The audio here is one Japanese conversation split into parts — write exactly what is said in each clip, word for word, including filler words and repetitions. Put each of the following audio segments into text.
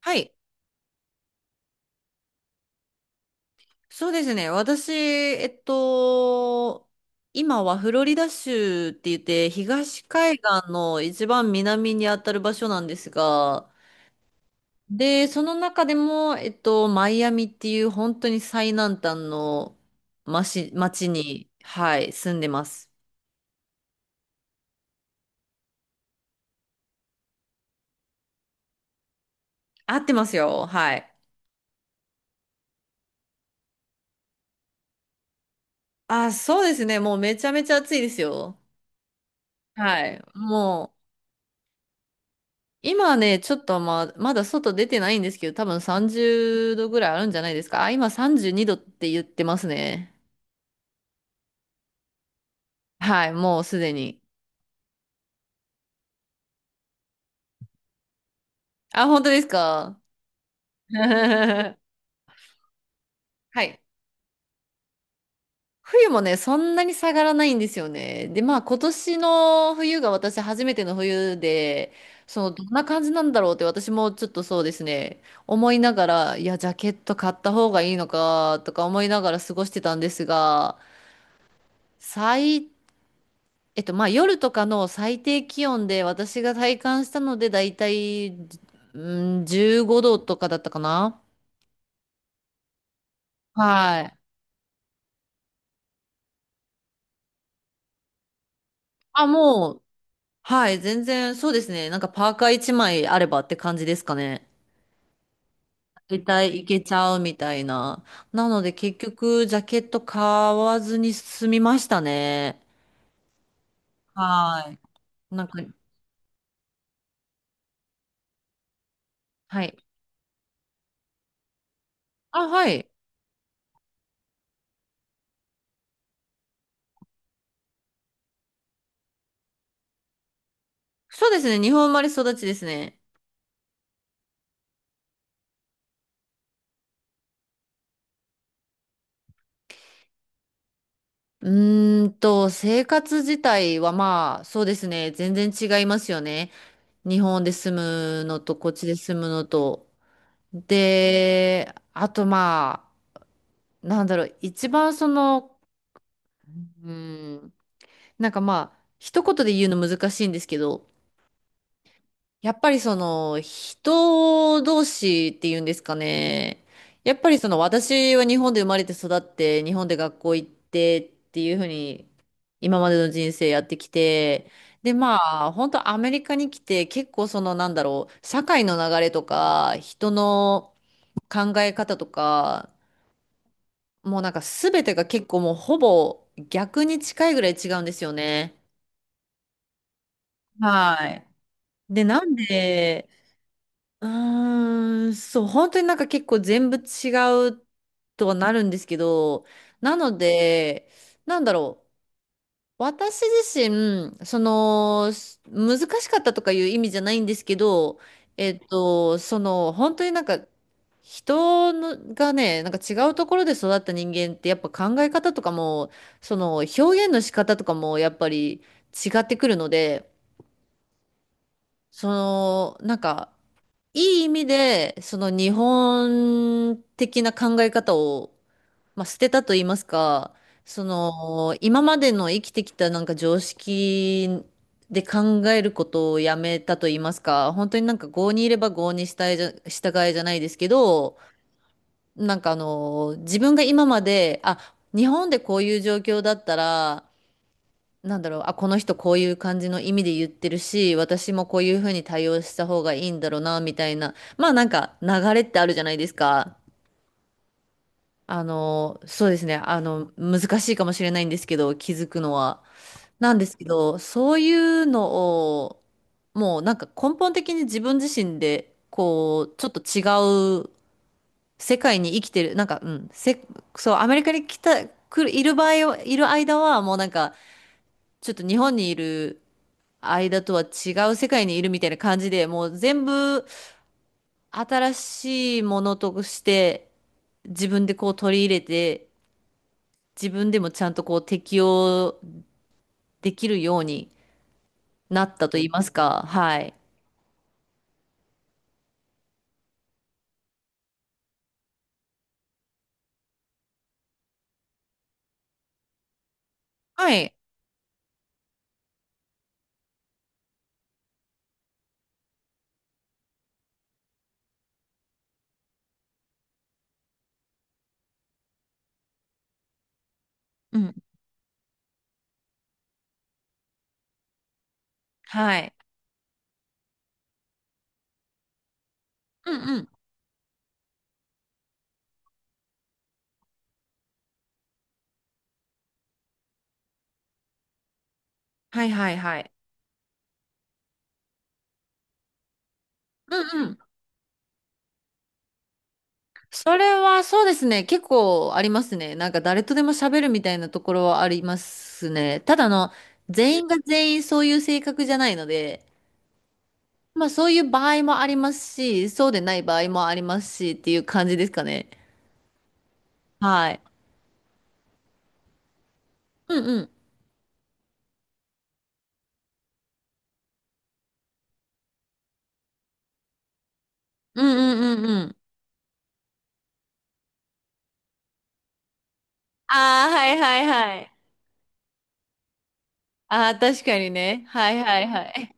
はい。そうですね。私、えっと、今はフロリダ州って言って、東海岸の一番南にあたる場所なんですが、で、その中でも、えっと、マイアミっていう本当に最南端の町、町に、はい、住んでます。合ってますよ。はい。あ、そうですね。もうめちゃめちゃ暑いですよ。はい。もう、今はね、ちょっとまあ、まだ外出てないんですけど、多分さんじゅうどぐらいあるんじゃないですか。あ、今さんじゅうにどって言ってますね。はい、もうすでに。あ、本当ですか？ はい。冬もね、そんなに下がらないんですよね。で、まあ今年の冬が私初めての冬で、その、どんな感じなんだろうって私もちょっとそうですね、思いながら、いや、ジャケット買った方がいいのかとか思いながら過ごしてたんですが、最えっと、まあ夜とかの最低気温で私が体感したのでだいたい、うん、じゅうごどとかだったかな。はい。あ、もう、はい、全然そうですね。なんかパーカーいちまいあればって感じですかね。だいたいいけちゃうみたいな。なので結局ジャケット買わずに済みましたね。はい。なんか、はい。あ、はい。そうですね。日本生まれ育ちですね。うーんと、生活自体はまあ、そうですね。全然違いますよね。日本で住むのと、こっちで住むのと。で、あとまあ、なんだろう、一番その、うーん、なんかまあ、一言で言うの難しいんですけど、やっぱりその人同士っていうんですかね。やっぱりその私は日本で生まれて育って日本で学校行ってっていうふうに今までの人生やってきて、でまあ本当アメリカに来て、結構そのなんだろう、社会の流れとか人の考え方とか、もうなんか全てが結構もうほぼ逆に近いぐらい違うんですよね。はい。で、なんで、うーん、そう、本当になんか結構全部違うとはなるんですけど、なので、なんだろう。私自身、その、す難しかったとかいう意味じゃないんですけど、えっと、その、本当になんか、人のがね、なんか違うところで育った人間ってやっぱ考え方とかも、その表現の仕方とかもやっぱり違ってくるので、その、なんか、いい意味で、その日本的な考え方を、まあ、捨てたと言いますか、その今までの生きてきたなんか常識で考えることをやめたと言いますか、本当になんか郷にいれば郷に従えじゃ、従えじゃないですけど、なんかあの、自分が今まで、あ、日本でこういう状況だったら、なんだろう、あ、この人こういう感じの意味で言ってるし、私もこういうふうに対応した方がいいんだろうな、みたいな。まあなんか流れってあるじゃないですか。あの、そうですね。あの、難しいかもしれないんですけど、気づくのは。なんですけど、そういうのを、もうなんか根本的に自分自身で、こう、ちょっと違う世界に生きてる。なんか、うん、せ、そう、アメリカに来た、来る、いる場合は、いる間は、もうなんか、ちょっと日本にいる、間とは違う世界にいるみたいな感じで、もう全部新しいものとして自分でこう取り入れて、自分でもちゃんとこう適応できるようになったと言いますか。はい。はい。うん。はい。うんうん。はいはいはい。うんうん。それはそうですね。結構ありますね。なんか誰とでも喋るみたいなところはありますね。ただあの、全員が全員そういう性格じゃないので、まあそういう場合もありますし、そうでない場合もありますしっていう感じですかね。はい。うんうん。うんうんうんうん。ああ、はいはいはい。ああ、確かにね。はいはいはい。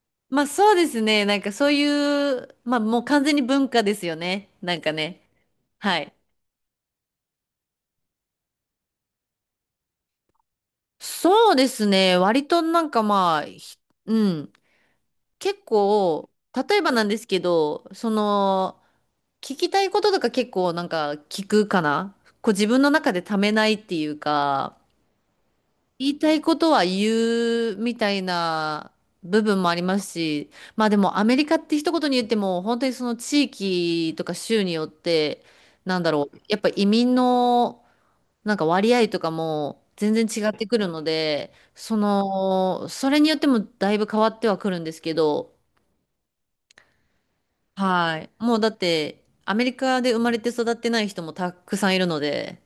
まあそうですね。なんかそういう、まあもう完全に文化ですよね。なんかね。はい。そうですね。割となんかまあ、ひうん。結構、例えばなんですけど、その、聞きたいこととか結構なんか聞くかな、こう自分の中でためないっていうか、言いたいことは言うみたいな部分もありますし、まあでもアメリカって一言に言っても本当にその地域とか州によって、なんだろう、やっぱ移民のなんか割合とかも全然違ってくるので、その、それによってもだいぶ変わってはくるんですけど、はい。もうだって、アメリカで生まれて育ってない人もたくさんいるので、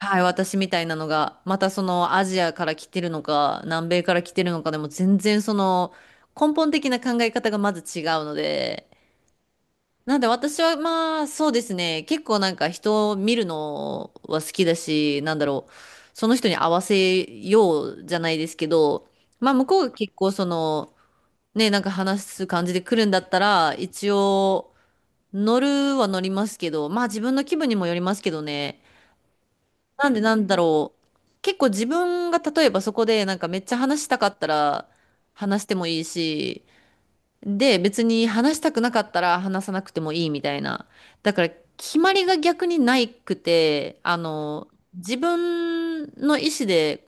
はい、私みたいなのが、またそのアジアから来てるのか、南米から来てるのかでも全然その根本的な考え方がまず違うので、なんで私はまあそうですね、結構なんか人を見るのは好きだし、なんだろう、その人に合わせようじゃないですけど、まあ向こうが結構その、ね、なんか話す感じで来るんだったら、一応、乗るは乗りますけど、まあ自分の気分にもよりますけどね。なんでなんだろう。結構自分が例えばそこでなんかめっちゃ話したかったら話してもいいし、で別に話したくなかったら話さなくてもいいみたいな。だから決まりが逆にないくて、あの、自分の意思で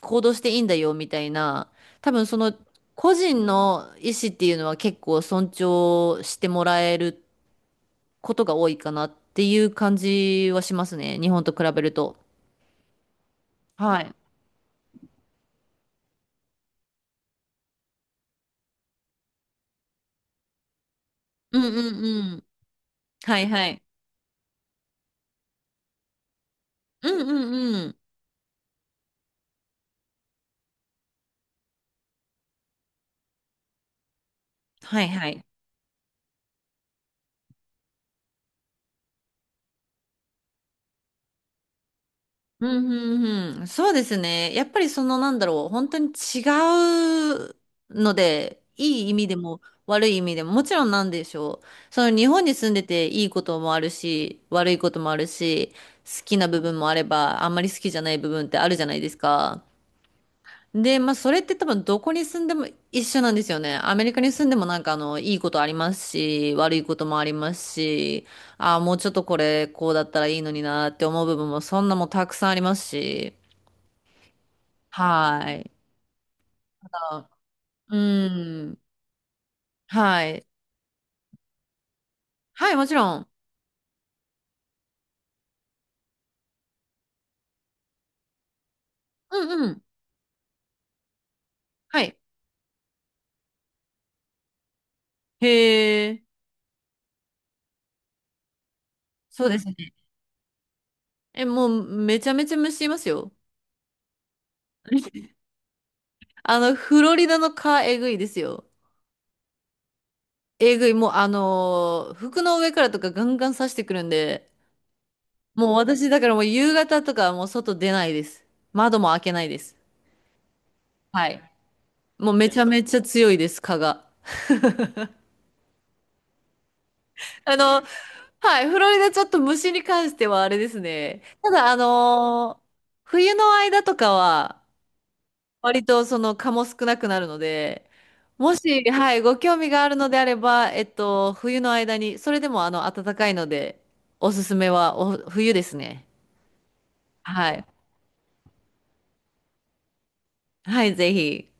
行動していいんだよみたいな。多分その個人の意思っていうのは結構尊重してもらえることが多いかなっていう感じはしますね。日本と比べると。はい。うんうんうん。はいはい。うんうんうん。はいはい。うんうんうん。そうですね。やっぱりそのなんだろう。本当に違うので、いい意味でも悪い意味でも、もちろんなんでしょう。その日本に住んでていいこともあるし、悪いこともあるし、好きな部分もあれば、あんまり好きじゃない部分ってあるじゃないですか。で、まあ、それって多分どこに住んでも一緒なんですよね。アメリカに住んでもなんかあの、いいことありますし、悪いこともありますし、ああ、もうちょっとこれ、こうだったらいいのになって思う部分もそんなもんたくさんありますし、はい。あうん。はい。はい、もちろん。うんうん。はい。へえ。そうですね。え、もうめちゃめちゃ虫いますよ。あの、フロリダの蚊えぐいですよ。えぐい、もうあのー服の上からとかガンガン刺してくるんで、もう私、だからもう夕方とかはもう外出ないです。窓も開けないです。はい。もうめちゃめちゃ強いです、蚊が。あの、はい、フロリダちょっと虫に関してはあれですね。ただ、あのー冬の間とかは、割とその蚊も少なくなるので、もし、はい、ご興味があるのであれば、えっと、冬の間に、それでもあの、暖かいので、おすすめはお、冬ですね。はい。はい、ぜひ。